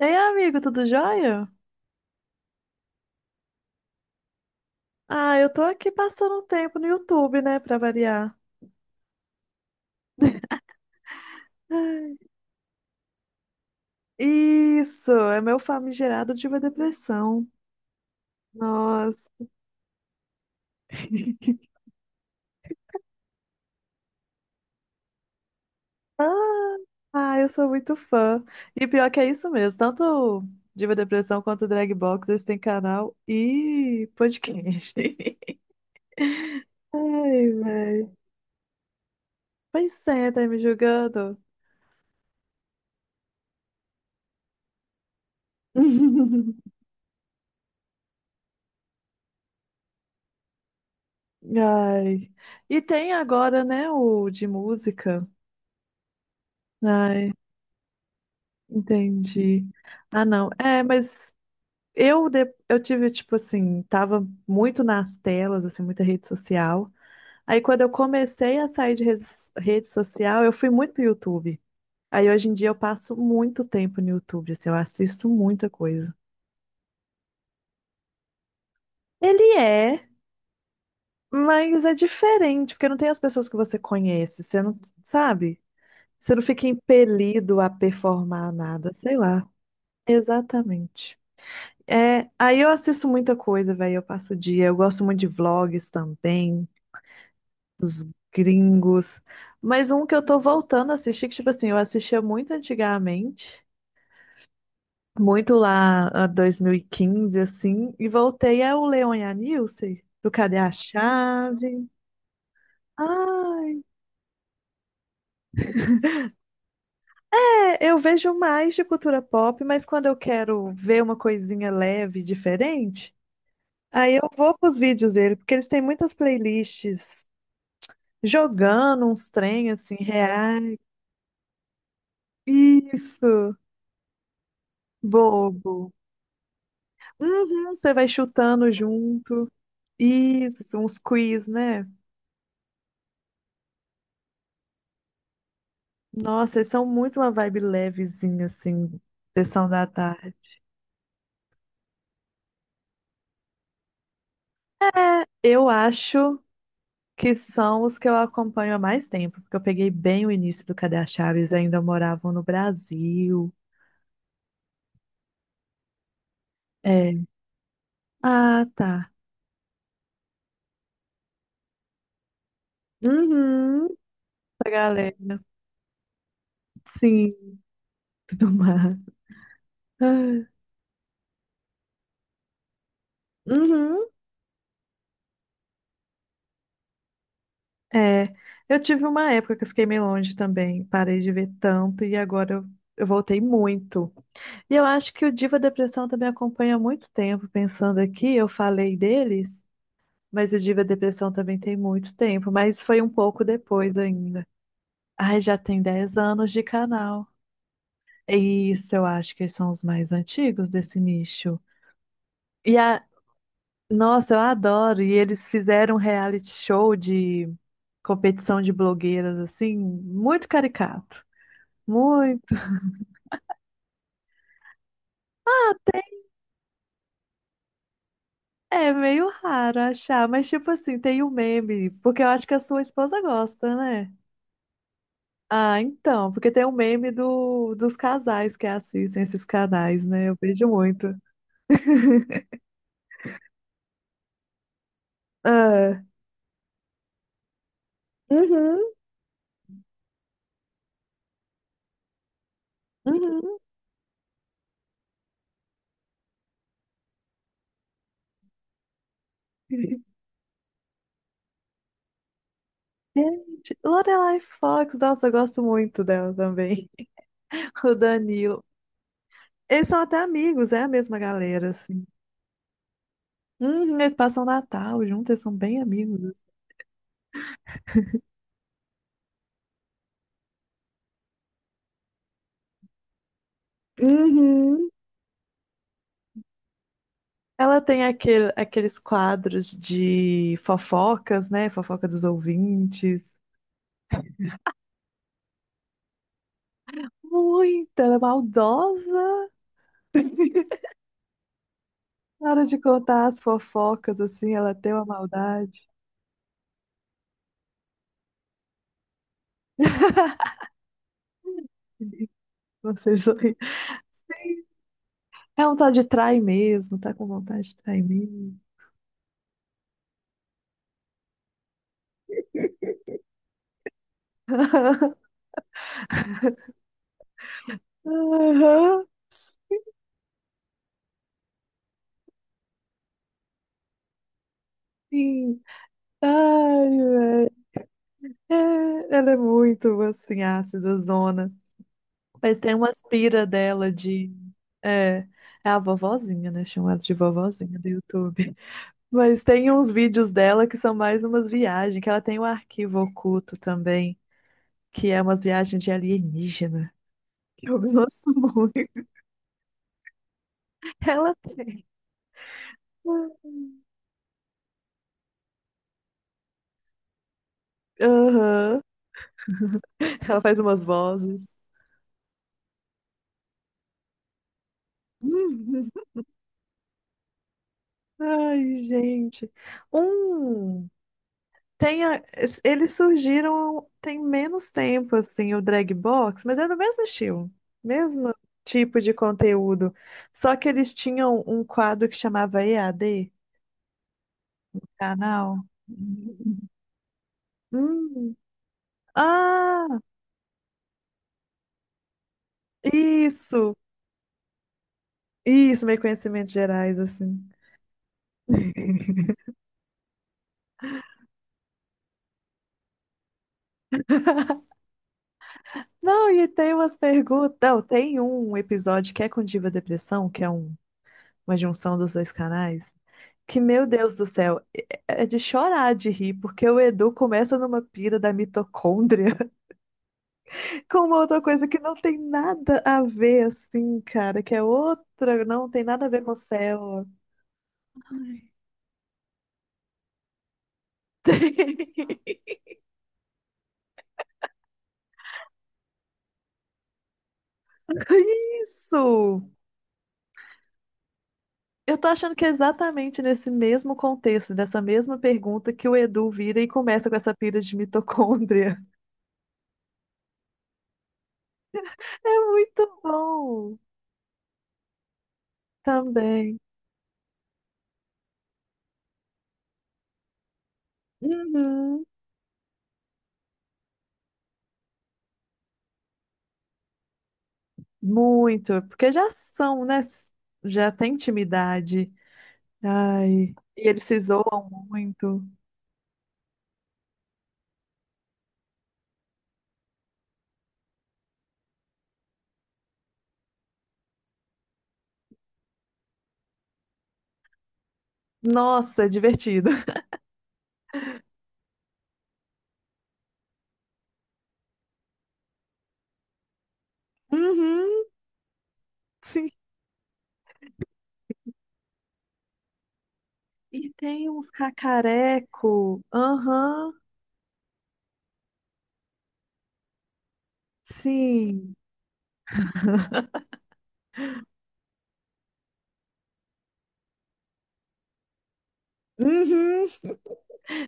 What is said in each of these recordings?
Ei, amigo, tudo jóia? Ah, eu tô aqui passando um tempo no YouTube, né, pra variar. Isso, é meu famigerado Diva Depressão. Nossa. Ah, ah, eu sou muito fã. E pior que é isso mesmo, tanto o Diva Depressão quanto o Drag Box, eles têm canal e podcast. Ai, velho. Pois é, tá me julgando? Ai. E tem agora, né, o de música. Ai. Entendi. Ah, não. É, mas eu tive, tipo assim, tava muito nas telas, assim, muita rede social. Aí quando eu comecei a sair de rede social, eu fui muito pro YouTube. Aí hoje em dia eu passo muito tempo no YouTube, assim, eu assisto muita coisa. Ele é, mas é diferente, porque não tem as pessoas que você conhece, você não, sabe? Você não fica impelido a performar nada, sei lá. Exatamente. É, aí eu assisto muita coisa, velho. Eu passo o dia. Eu gosto muito de vlogs também, dos gringos. Mas um que eu tô voltando a assistir, que, tipo assim, eu assistia muito antigamente, muito lá 2015, assim, e voltei é o Leon e a Nilce, do Cadê a Chave? Ah, é, eu vejo mais de cultura pop, mas quando eu quero ver uma coisinha leve, e diferente, aí eu vou pros vídeos dele, porque eles têm muitas playlists jogando uns trem assim, reais. Isso, bobo. Uhum, você vai chutando junto. Isso, uns quiz, né? Nossa, eles são muito uma vibe levezinha, assim, sessão da tarde. É, eu acho que são os que eu acompanho há mais tempo, porque eu peguei bem o início do Cadê a Chaves, ainda moravam no Brasil. É. Ah, tá. Uhum, a galera. Sim, tudo mais. Ah, uhum. É, eu tive uma época que eu fiquei meio longe também, parei de ver tanto e agora eu voltei muito. E eu acho que o Diva Depressão também acompanha há muito tempo, pensando aqui, eu falei deles, mas o Diva Depressão também tem muito tempo, mas foi um pouco depois ainda. Ai, já tem 10 anos de canal. Isso, eu acho que eles são os mais antigos desse nicho. E a, nossa, eu adoro, e eles fizeram um reality show de competição de blogueiras, assim, muito caricato. Muito. Tem- É meio raro achar, mas tipo assim, tem o meme, porque eu acho que a sua esposa gosta, né? Ah, então, porque tem o meme do, dos casais que assistem esses canais, né? Eu vejo muito. Ah, uhum, uhum. Gente, Lorelai Fox, nossa, eu gosto muito dela também. O Danilo. Eles são até amigos, é a mesma galera, assim. Uhum, eles passam Natal juntos, eles são bem amigos. Uhum. Ela tem aquele, aqueles quadros de fofocas, né? Fofoca dos ouvintes. Muita, ela é maldosa. Na hora de contar as fofocas, assim, ela tem uma maldade. Vocês sorri. Sim. É um tal de trai mesmo, tá com vontade de trair mesmo. Aham, sim. Ai, velho. É, ela é muito, assim, ácida, zona. Mas tem umas pira dela de. É, é, a vovozinha, né? Chama ela de vovozinha do YouTube. Mas tem uns vídeos dela que são mais umas viagens, que ela tem um arquivo oculto também, que é umas viagens de alienígena. Que Eu gosto muito. Ela tem. Aham. Ela faz umas vozes. Ai, gente. Um. Eles surgiram tem menos tempo, assim, o drag box, mas era o mesmo estilo, mesmo tipo de conteúdo. Só que eles tinham um quadro que chamava EAD, canal. Hum. Ah, isso, isso, meio conhecimentos gerais, assim. Não, e tem umas perguntas. Não, tem um episódio que é com Diva Depressão, que é uma junção dos dois canais. Que, meu Deus do céu, é de chorar de rir, porque o Edu começa numa pira da mitocôndria com uma outra coisa que não tem nada a ver, assim, cara, que é outra, não tem nada a ver com o célula. Ai. Isso! Eu tô achando que é exatamente nesse mesmo contexto, dessa mesma pergunta, que o Edu vira e começa com essa pira de mitocôndria. É muito bom também. Uhum. Muito, porque já são, né? Já tem intimidade. Ai, e eles se zoam muito. Nossa, é divertido. Uhum, sim. E tem uns cacareco. Aham, sim. Uhum.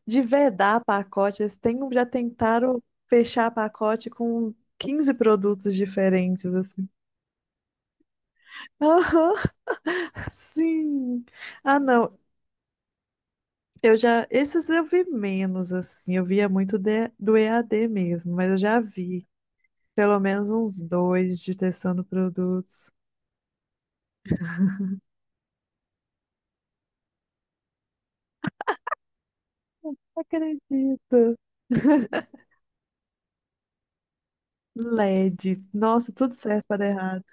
De vedar pacotes. Tem, já tentaram fechar pacote com 15 produtos diferentes, assim. Aham, sim. Ah, não. Eu já, esses eu vi menos, assim, eu via muito do EAD mesmo, mas eu já vi pelo menos uns dois de testando produtos. Não acredito. LED. Nossa, tudo certo para dar errado.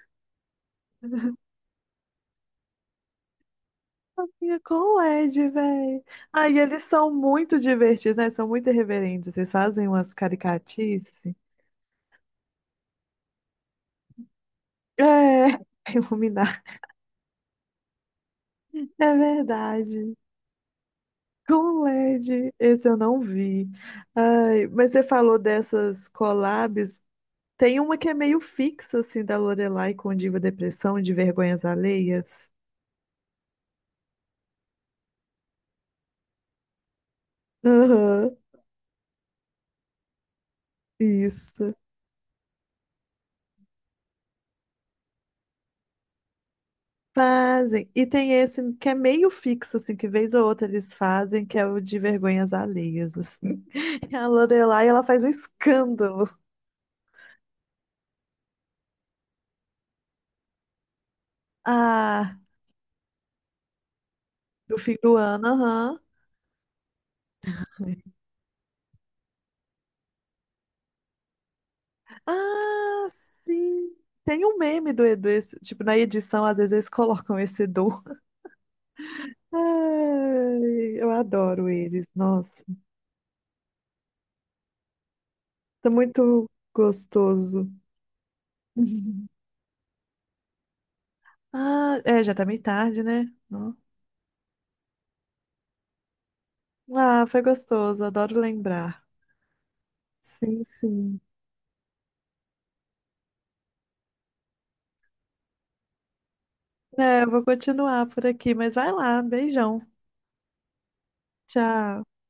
Amiga, com LED, velho. Ai, e eles são muito divertidos, né? São muito irreverentes. Eles fazem umas caricatices. É, iluminar. É verdade. Com LED, esse eu não vi. Ai, mas você falou dessas collabs. Tem uma que é meio fixa, assim, da Lorelai com Diva Depressão, de Vergonhas Alheias. Aham, isso. Fazem. E tem esse que é meio fixo, assim, que vez ou outra eles fazem, que é o de Vergonhas Alheias, assim. E a Lorelai, ela faz um escândalo. Ah, do fim do ano, aham. Ah, sim. Tem um meme do Edu, tipo, na edição, às vezes eles colocam esse Edu. Ai, eu adoro eles, nossa. Tá muito gostoso. Ah, é, já tá meio tarde, né? Não. Ah, foi gostoso, adoro lembrar. Sim, sim. É, eu vou continuar por aqui, mas vai lá, beijão. Tchau.